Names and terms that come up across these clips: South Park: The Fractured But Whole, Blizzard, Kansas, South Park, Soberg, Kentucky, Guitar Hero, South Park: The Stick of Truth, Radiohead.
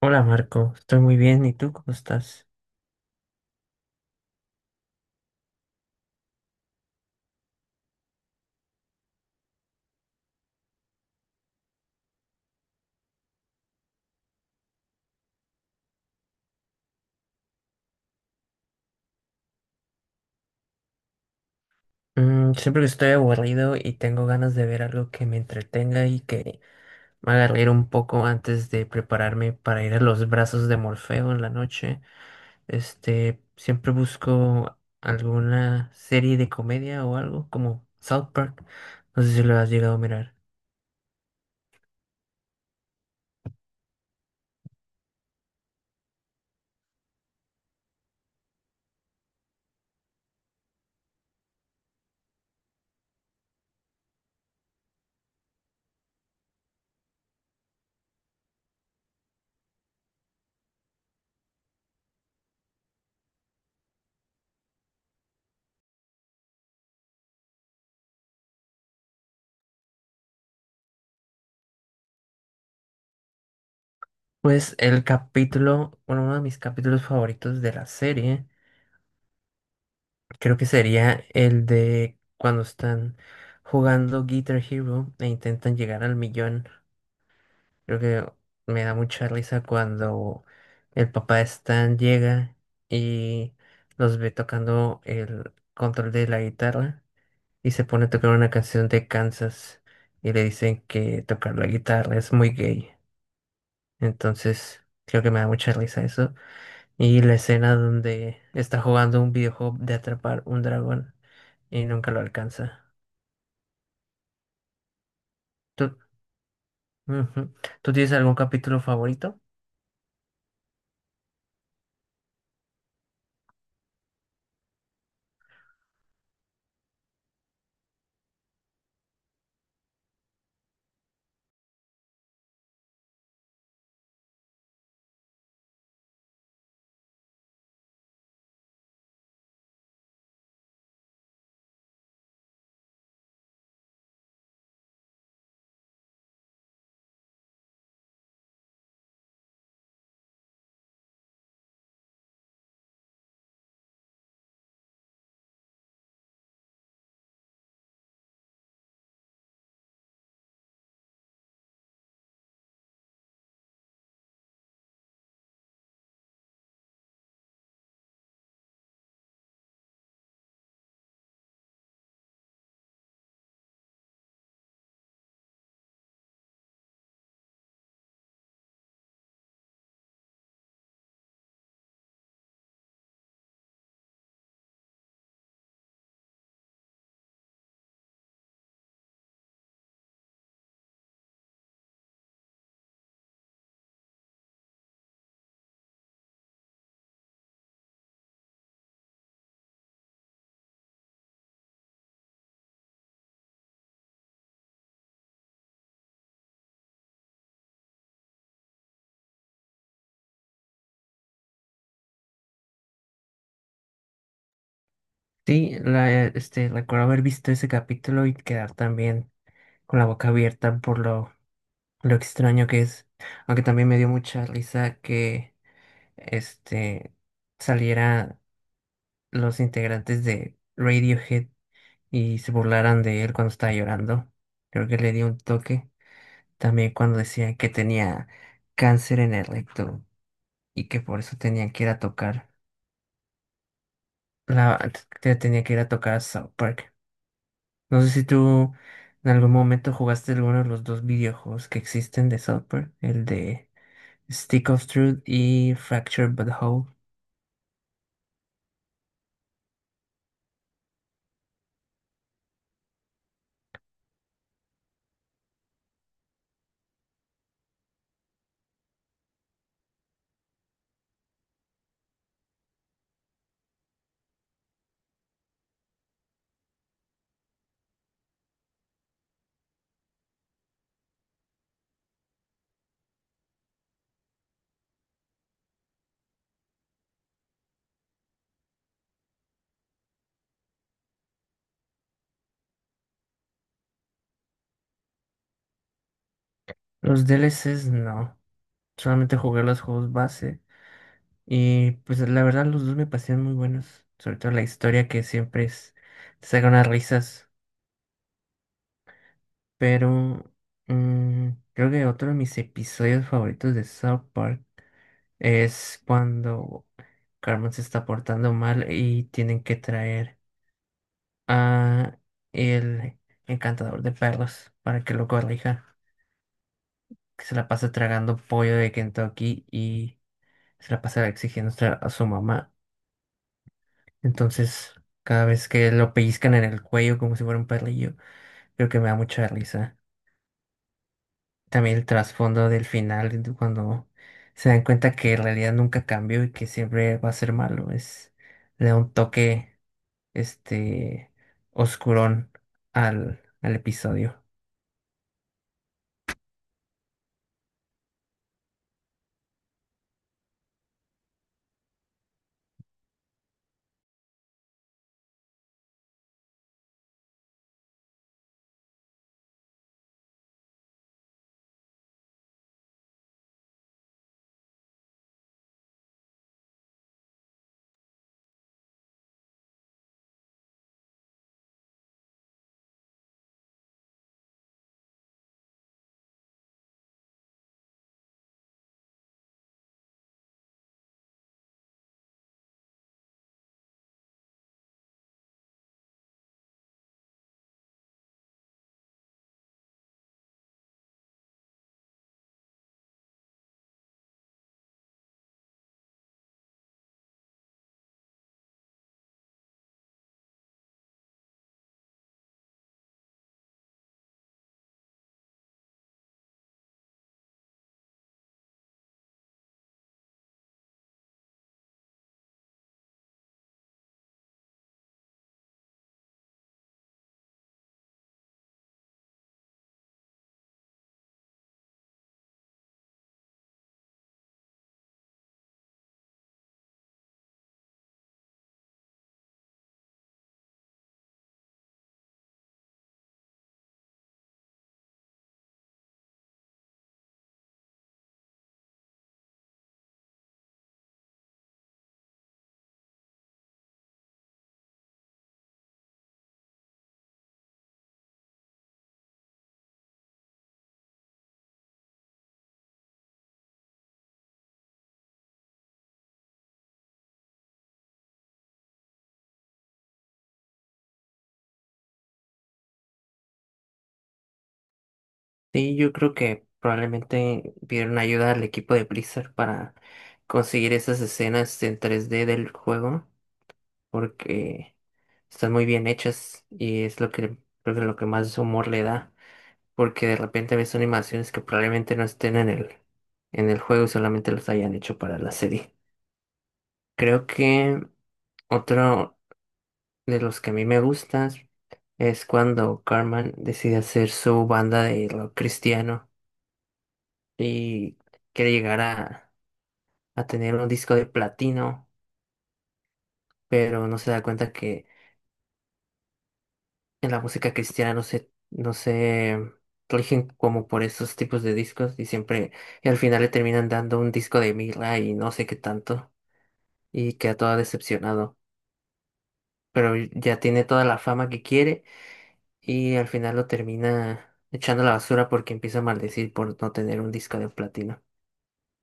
Hola Marco, estoy muy bien. ¿Y tú cómo estás? Siempre que estoy aburrido y tengo ganas de ver algo que me entretenga y que me haga reír un poco antes de prepararme para ir a los brazos de Morfeo en la noche, siempre busco alguna serie de comedia o algo como South Park. No sé si lo has llegado a mirar. Pues el capítulo, bueno, uno de mis capítulos favoritos de la serie. Creo que sería el de cuando están jugando Guitar Hero e intentan llegar al millón. Creo que me da mucha risa cuando el papá de Stan llega y los ve tocando el control de la guitarra, y se pone a tocar una canción de Kansas, y le dicen que tocar la guitarra es muy gay. Entonces, creo que me da mucha risa eso. Y la escena donde está jugando un videojuego de atrapar un dragón y nunca lo alcanza. ¿Tú, Ujú. ¿Tú tienes algún capítulo favorito? Sí, recuerdo haber visto ese capítulo y quedar también con la boca abierta por lo extraño que es. Aunque también me dio mucha risa que este, saliera los integrantes de Radiohead y se burlaran de él cuando estaba llorando. Creo que le dio un toque. También cuando decían que tenía cáncer en el recto y que por eso tenían que ir a tocar la tenía que ir a tocar a South Park. No sé si tú en algún momento jugaste alguno de los dos videojuegos que existen de South Park, el de Stick of Truth y Fractured But Whole. Los DLCs no, solamente jugué los juegos base, y pues la verdad los dos me parecieron muy buenos, sobre todo la historia, que siempre es te saca unas risas. Pero creo que otro de mis episodios favoritos de South Park es cuando Carmen se está portando mal y tienen que traer a el encantador de perros para que lo corrija, que se la pasa tragando pollo de Kentucky y se la pasa exigiendo a su mamá. Entonces, cada vez que lo pellizcan en el cuello como si fuera un perrillo, creo que me da mucha risa. También el trasfondo del final, de cuando se dan cuenta que en realidad nunca cambió y que siempre va a ser malo, es le da un toque este oscurón al episodio. Sí, yo creo que probablemente pidieron ayuda al equipo de Blizzard para conseguir esas escenas en 3D del juego, porque están muy bien hechas, y es lo que creo que lo que más humor le da. Porque de repente ves animaciones que probablemente no estén en el juego, y solamente los hayan hecho para la serie. Creo que otro de los que a mí me gustan es cuando Carmen decide hacer su banda de rock cristiano y quiere llegar a tener un disco de platino, pero no se da cuenta que en la música cristiana no se rigen como por esos tipos de discos, y siempre, y al final le terminan dando un disco de mirra y no sé qué tanto, y queda todo decepcionado. Pero ya tiene toda la fama que quiere, y al final lo termina echando a la basura porque empieza a maldecir por no tener un disco de platino.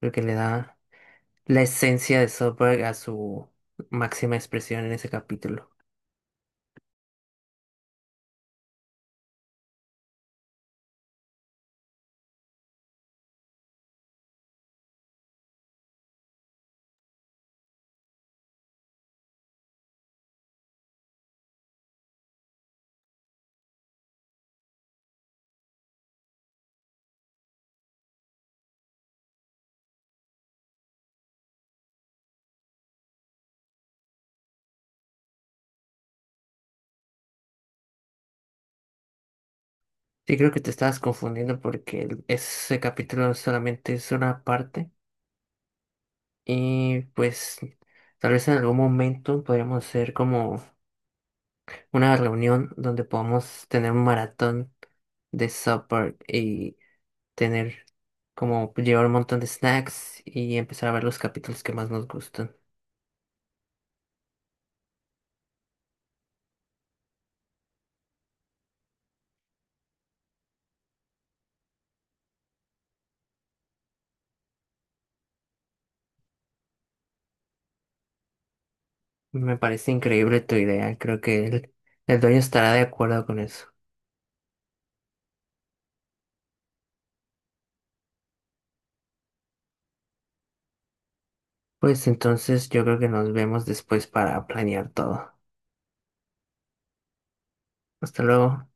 Lo que le da la esencia de Soberg a su máxima expresión en ese capítulo. Sí, creo que te estabas confundiendo porque ese capítulo solamente es una parte, y pues tal vez en algún momento podríamos hacer como una reunión donde podamos tener un maratón de supper y tener, como, llevar un montón de snacks y empezar a ver los capítulos que más nos gustan. Me parece increíble tu idea, creo que el dueño estará de acuerdo con eso. Pues entonces yo creo que nos vemos después para planear todo. Hasta luego.